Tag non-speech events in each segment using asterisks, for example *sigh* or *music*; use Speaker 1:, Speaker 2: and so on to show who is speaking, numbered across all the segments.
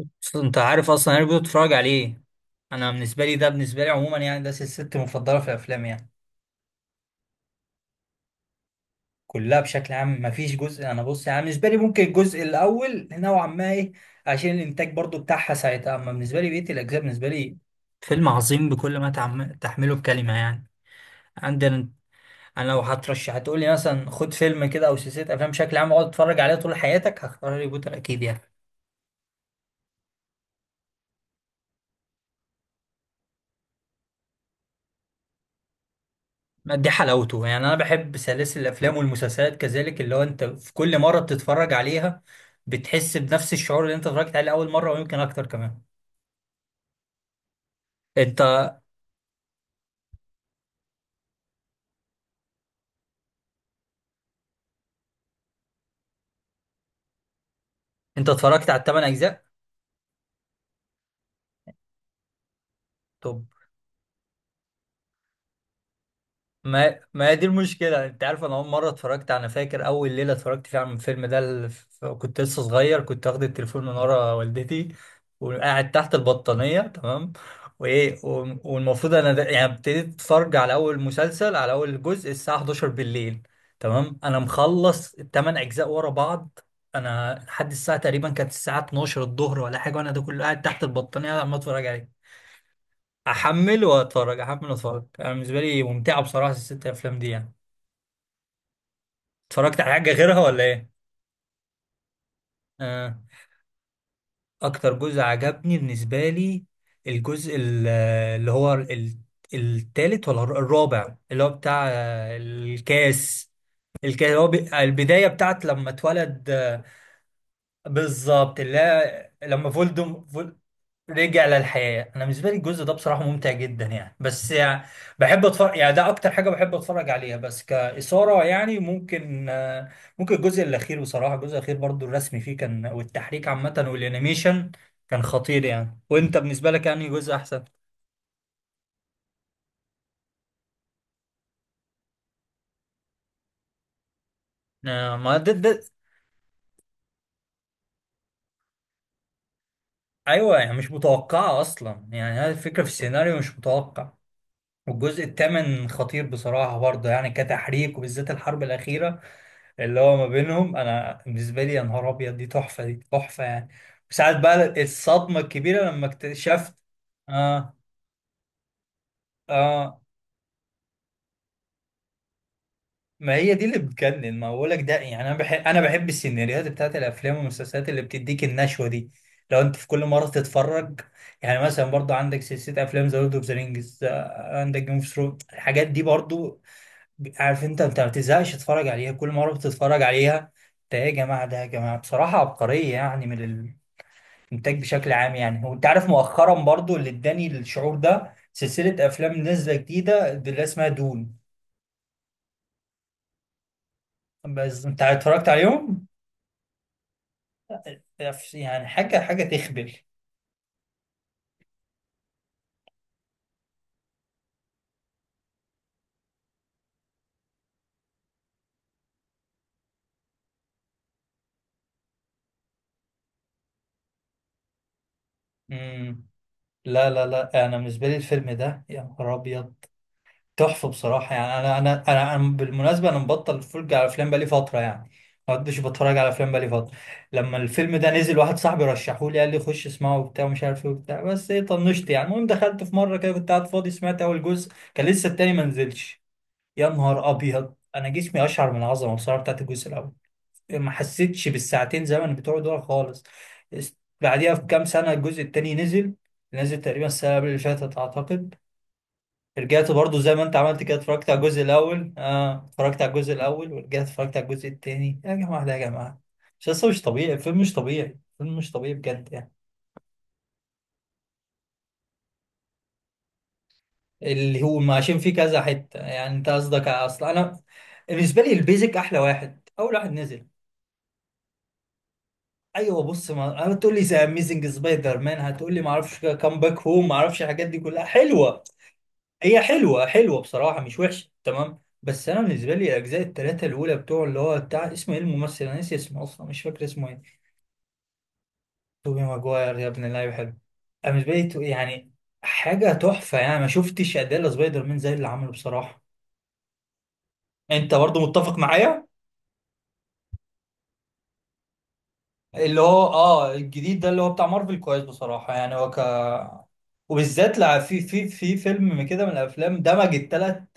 Speaker 1: بس انت عارف اصلا انا كنت بتفرج عليه. انا بالنسبه لي ده بالنسبه لي عموما يعني ده سلسلتي المفضله في الافلام يعني، كلها بشكل عام. مفيش جزء، انا بص يعني بالنسبه لي ممكن الجزء الاول نوعا ما ايه، عشان الانتاج برضو بتاعها ساعتها. اما بالنسبه لي بقيه الاجزاء بالنسبه لي فيلم عظيم بكل ما تحمله بكلمه يعني. عندنا انا لو هترشح هتقول لي مثلا خد فيلم كده او سلسله افلام بشكل عام اقعد اتفرج عليها طول حياتك، هختار هاري بوتر اكيد يعني. دي حلاوته، يعني انا بحب سلاسل الافلام والمسلسلات كذلك، اللي هو انت في كل مره بتتفرج عليها بتحس بنفس الشعور اللي انت اتفرجت عليه اول مره، ويمكن اكتر كمان. انت انت اتفرجت على الثمان اجزاء؟ طب ما هي دي المشكلة. انت عارف انا اول مرة اتفرجت، انا فاكر اول ليلة اتفرجت فيها على الفيلم ده، كنت لسه صغير، كنت واخد التليفون من ورا والدتي وقاعد تحت البطانية تمام، وايه والمفروض انا ده يعني ابتديت اتفرج على اول مسلسل على اول جزء الساعة 11 بالليل. تمام، انا مخلص الثمان اجزاء ورا بعض، انا لحد الساعة تقريبا كانت الساعة 12 الظهر ولا حاجة، وانا ده كله قاعد تحت البطانية عمال اتفرج عليه، احمل واتفرج احمل واتفرج. انا بالنسبة لي ممتعة بصراحة الست افلام دي يعني. اتفرجت على حاجة غيرها ولا ايه؟ آه. اكتر جزء عجبني بالنسبة لي الجزء التالت ولا الرابع، اللي هو بتاع الكاس. الكاس هو البداية بتاعت لما اتولد. بالظبط، اللي هي لما رجع للحياة. انا بالنسبة لي الجزء ده بصراحة ممتع جدا يعني، بس يعني بحب اتفرج، يعني ده اكتر حاجة بحب اتفرج عليها بس كإثارة يعني. ممكن ممكن الجزء الاخير بصراحة، الجزء الاخير برضو الرسم فيه كان والتحريك عامة والانيميشن كان خطير يعني. وانت بالنسبة لك يعني جزء احسن؟ ما ده, ده ايوه يعني مش متوقعة اصلا، يعني هذه الفكرة في السيناريو مش متوقع. والجزء الثامن خطير بصراحة برضه يعني كتحريك، وبالذات الحرب الأخيرة اللي هو ما بينهم. انا بالنسبه لي يا نهار ابيض، دي تحفه دي تحفه يعني. وساعات بقى الصدمه الكبيره لما اكتشفت. اه، اه، ما هي دي اللي بتجنن. ما بقولك ده يعني، انا بحب السيناريوهات بتاعت الافلام والمسلسلات اللي بتديك النشوه دي، لو انت في كل مره تتفرج. يعني مثلا برضو عندك سلسله افلام ذا لورد اوف ذا رينجز، عندك جيم اوف ثرونز، الحاجات دي برضو. عارف انت ما بتزهقش تتفرج عليها، كل مره بتتفرج عليها ده يا جماعه، ده يا جماعه بصراحه عبقريه يعني، من انتاج بشكل عام يعني. وانت عارف مؤخرا برضو اللي اداني الشعور ده سلسلة افلام نازلة جديدة اللي اسمها دون. بس انت اتفرجت عليهم؟ يعني حاجة تخبل. امم، لا لا لا، انا بالنسبة لي الفيلم ده يا نهار ابيض، تحفة بصراحة يعني. أنا بالمناسبة أنا مبطل أتفرج على أفلام بقالي فترة يعني، ما كنتش بتفرج على أفلام بقالي فترة. لما الفيلم ده نزل واحد صاحبي رشحه لي، قال لي خش اسمعه وبتاع ومش عارف إيه وبتاع، بس إيه طنشت يعني. المهم دخلت في مرة كده كنت قاعد فاضي، سمعت أول جزء، كان لسه التاني ما نزلش. يا نهار أبيض، أنا جسمي أشعر من العظمة بصراحة بتاعت الجزء الأول. ما حسيتش بالساعتين زمن بتوع دول خالص. بعديها بكام سنة الجزء التاني نزل، نزل تقريبا السنة اللي فاتت أعتقد. رجعت برضو زي ما انت عملت كده، اتفرجت على الجزء الاول، اه اتفرجت على الجزء الاول ورجعت اتفرجت على الجزء التاني. يا جماعه ده يا جماعه، مسلسل مش طبيعي، فيلم مش طبيعي، فيلم مش طبيعي بجد يعني. اللي هو عشان فيه كذا حته يعني، انت قصدك اصل انا بالنسبه لي البيزك احلى واحد، اول واحد نزل. ايوه، بص ما هتقول لي زي اميزنج سبايدر مان، هتقول لي ما اعرفش كام باك هوم، ما اعرفش الحاجات دي كلها حلوه. هي حلوة حلوة بصراحة، مش وحشة تمام، بس أنا بالنسبة لي الأجزاء التلاتة الأولى بتوع اللي هو بتاع اسمه إيه الممثل، أنا ناسي اسمه أصلا مش فاكر اسمه إيه. توبي ماجواير، يا ابن اللعيبة حلو. أنا بالنسبة لي يعني حاجة تحفة يعني، ما شفتش أداء سبايدر مان زي اللي عمله بصراحة. أنت برضو متفق معايا. اللي هو آه الجديد ده اللي هو بتاع مارفل كويس بصراحة يعني، هو ك وبالذات لا في فيلم كده من الأفلام دمج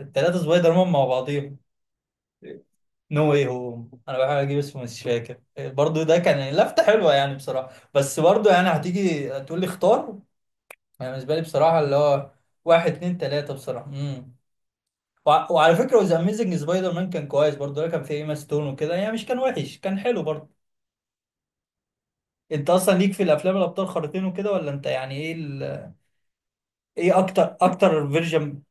Speaker 1: التلاتة سبايدر مان مع بعضيهم. نو ايه هو، انا بحاول اجيب اسمه مش فاكر برضو، ده كان لفته حلوه يعني بصراحه. بس برضو يعني هتيجي تقول لي اختار، انا بالنسبه لي بصراحه اللي هو واحد اتنين تلاته بصراحه. امم، وعلى فكره وذا اميزنج سبايدر مان كان كويس برضو، ده كان فيه ايما ستون وكده يعني، مش كان وحش كان حلو برضو. انت اصلا ليك في الافلام الابطال خارقين وكده، ولا انت يعني ايه ال... ايه اكتر اكتر فيرجن،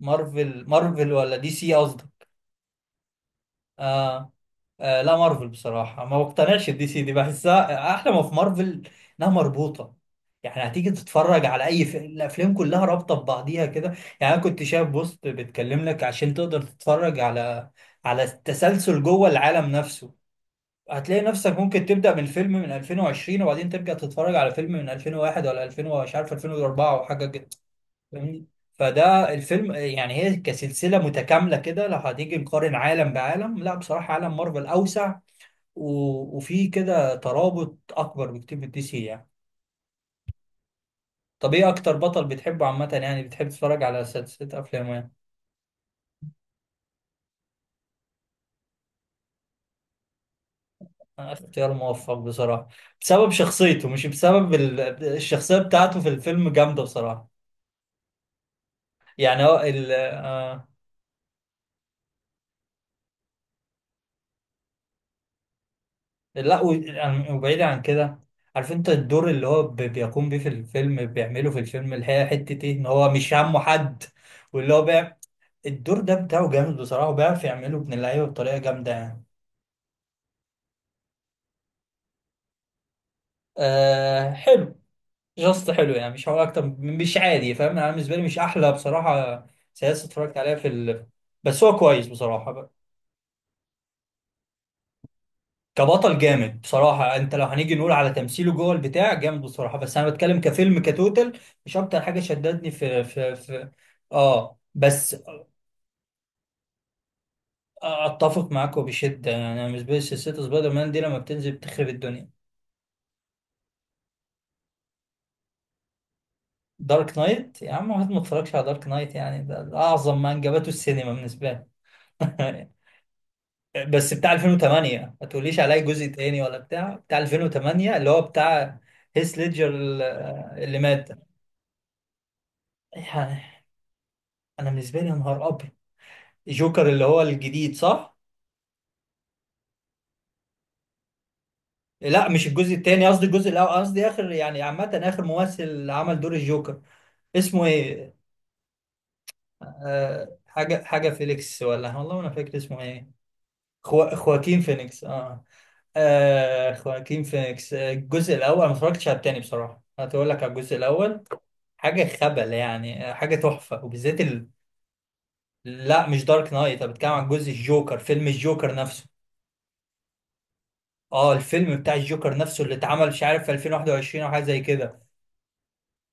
Speaker 1: مارفل مارفل ولا دي سي قصدي؟ آه. آه لا مارفل بصراحة، ما بقتنعش الدي سي. دي بحسها أحلى ما في مارفل إنها مربوطة، يعني هتيجي تتفرج على أي الأفلام كلها رابطة ببعضيها كده. يعني أنا كنت شايف بوست بتكلم لك عشان تقدر تتفرج على على التسلسل جوه العالم نفسه. هتلاقي نفسك ممكن تبدأ من فيلم من 2020 وبعدين ترجع تتفرج على فيلم من 2001 ولا 2000 ومش عارف 2004 وحاجة كده، فاهمني؟ فده الفيلم يعني هي كسلسلة متكاملة كده. لو هتيجي نقارن عالم بعالم، لا بصراحة عالم مارفل أوسع و... وفيه كده ترابط أكبر بكتير من دي سي يعني. طب إيه أكتر بطل بتحبه عامة، يعني بتحب تتفرج على سلسلة أفلامه يعني؟ أنا اختيار موفق بصراحة، بسبب شخصيته مش بسبب ال... الشخصية بتاعته في الفيلم جامدة بصراحة. يعني هو ال... لا وبعيد عن كده، عارف انت الدور اللي هو بيقوم بيه في الفيلم، بيعمله في الفيلم اللي هي حتة ايه ان هو مش همه حد. واللي هو بيع، الدور ده بتاعه جامد بصراحة، وبيعرف يعمله ابن اللعيبة بطريقة جامدة يعني. آه حلو، جاست حلو يعني، مش هقول مش عادي فاهم، انا بالنسبة لي مش احلى بصراحة سياسة اتفرجت عليها في ال... بس هو كويس بصراحة. كبطل جامد بصراحة، انت لو هنيجي نقول على تمثيله جوه البتاع جامد بصراحة، بس انا بتكلم كفيلم كتوتال. مش اكتر حاجة شدتني في. اه بس، اتفق معاك وبشدة يعني. انا بالنسبة لي سلسلة سبايدر مان دي لما بتنزل بتخرب الدنيا. دارك نايت يا عم، واحد ما اتفرجش على دارك نايت يعني، ده اعظم ما انجبته السينما بالنسبة لي. *laughs* بس بتاع 2008 ما تقوليش عليا جزء تاني، ولا بتاع بتاع 2008 اللي هو بتاع هيث ليدجر اللي مات. يعني انا بالنسبه لي يا نهار، جوكر اللي هو الجديد صح؟ لا مش الجزء التاني قصدي، الجزء الأول قصدي، آخر يعني عامة آخر ممثل عمل دور الجوكر اسمه إيه؟ آه حاجة فيليكس ولا والله ما أنا فاكر اسمه إيه؟ خواكين فينيكس آه. آه خواكين فينيكس، الجزء الأول، أنا ما اتفرجتش على التاني بصراحة، هتقول لك على الجزء الأول حاجة خبل يعني. حاجة تحفة، وبالذات ال... لا مش دارك نايت، أنا بتكلم عن جزء الجوكر، فيلم الجوكر نفسه. اه الفيلم بتاع الجوكر نفسه اللي اتعمل مش عارف في 2021 او حاجه زي كده،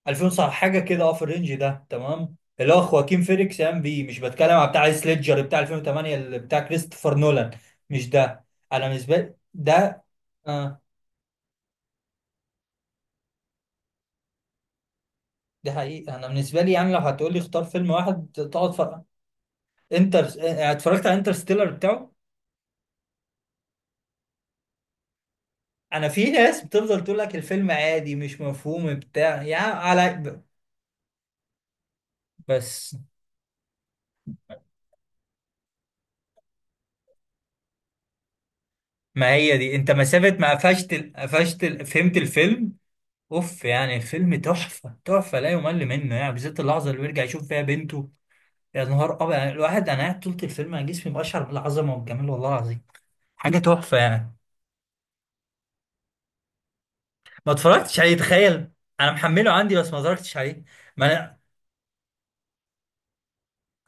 Speaker 1: 2000 صح حاجه كده اه في الرينج ده تمام، اللي هو خواكين فينيكس قام بيه، مش بتكلم على بتاع سليدجر بتاع 2008 اللي بتاع كريستوفر نولان. مش ده، انا بالنسبه لي ده. اه ده حقيقي. انا بالنسبه لي يعني لو هتقول لي اختار فيلم واحد تقعد فر... انتر آه، يعني اتفرجت على انترستيلر بتاعه. انا في ناس بتفضل تقول لك الفيلم عادي مش مفهوم بتاع يعني على، بس ما هي دي، انت مسافه ما فهمت الفيلم اوف، يعني فيلم تحفه تحفه لا يمل منه يعني، بالذات اللحظه اللي بيرجع يشوف فيها بنته. يا نهار ابيض يعني الواحد، انا قاعد طول الفيلم انا جسمي بشعر بالعظمه والجمال والله العظيم، حاجه تحفه يعني. ما اتفرجتش عليه تخيل، انا محمله عندي بس ما اتفرجتش عليه. ما انا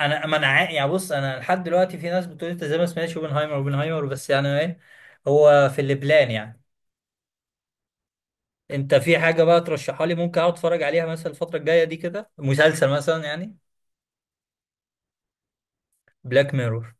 Speaker 1: انا ما انا عا- يعني بص انا لحد دلوقتي في ناس بتقول انت زي ما سمعتش اوبنهايمر اوبنهايمر، بس يعني ايه هو في البلان يعني. انت في حاجه بقى ترشحها لي ممكن اقعد اتفرج عليها مثلا الفتره الجايه دي كده، مسلسل مثلا يعني؟ بلاك ميرور.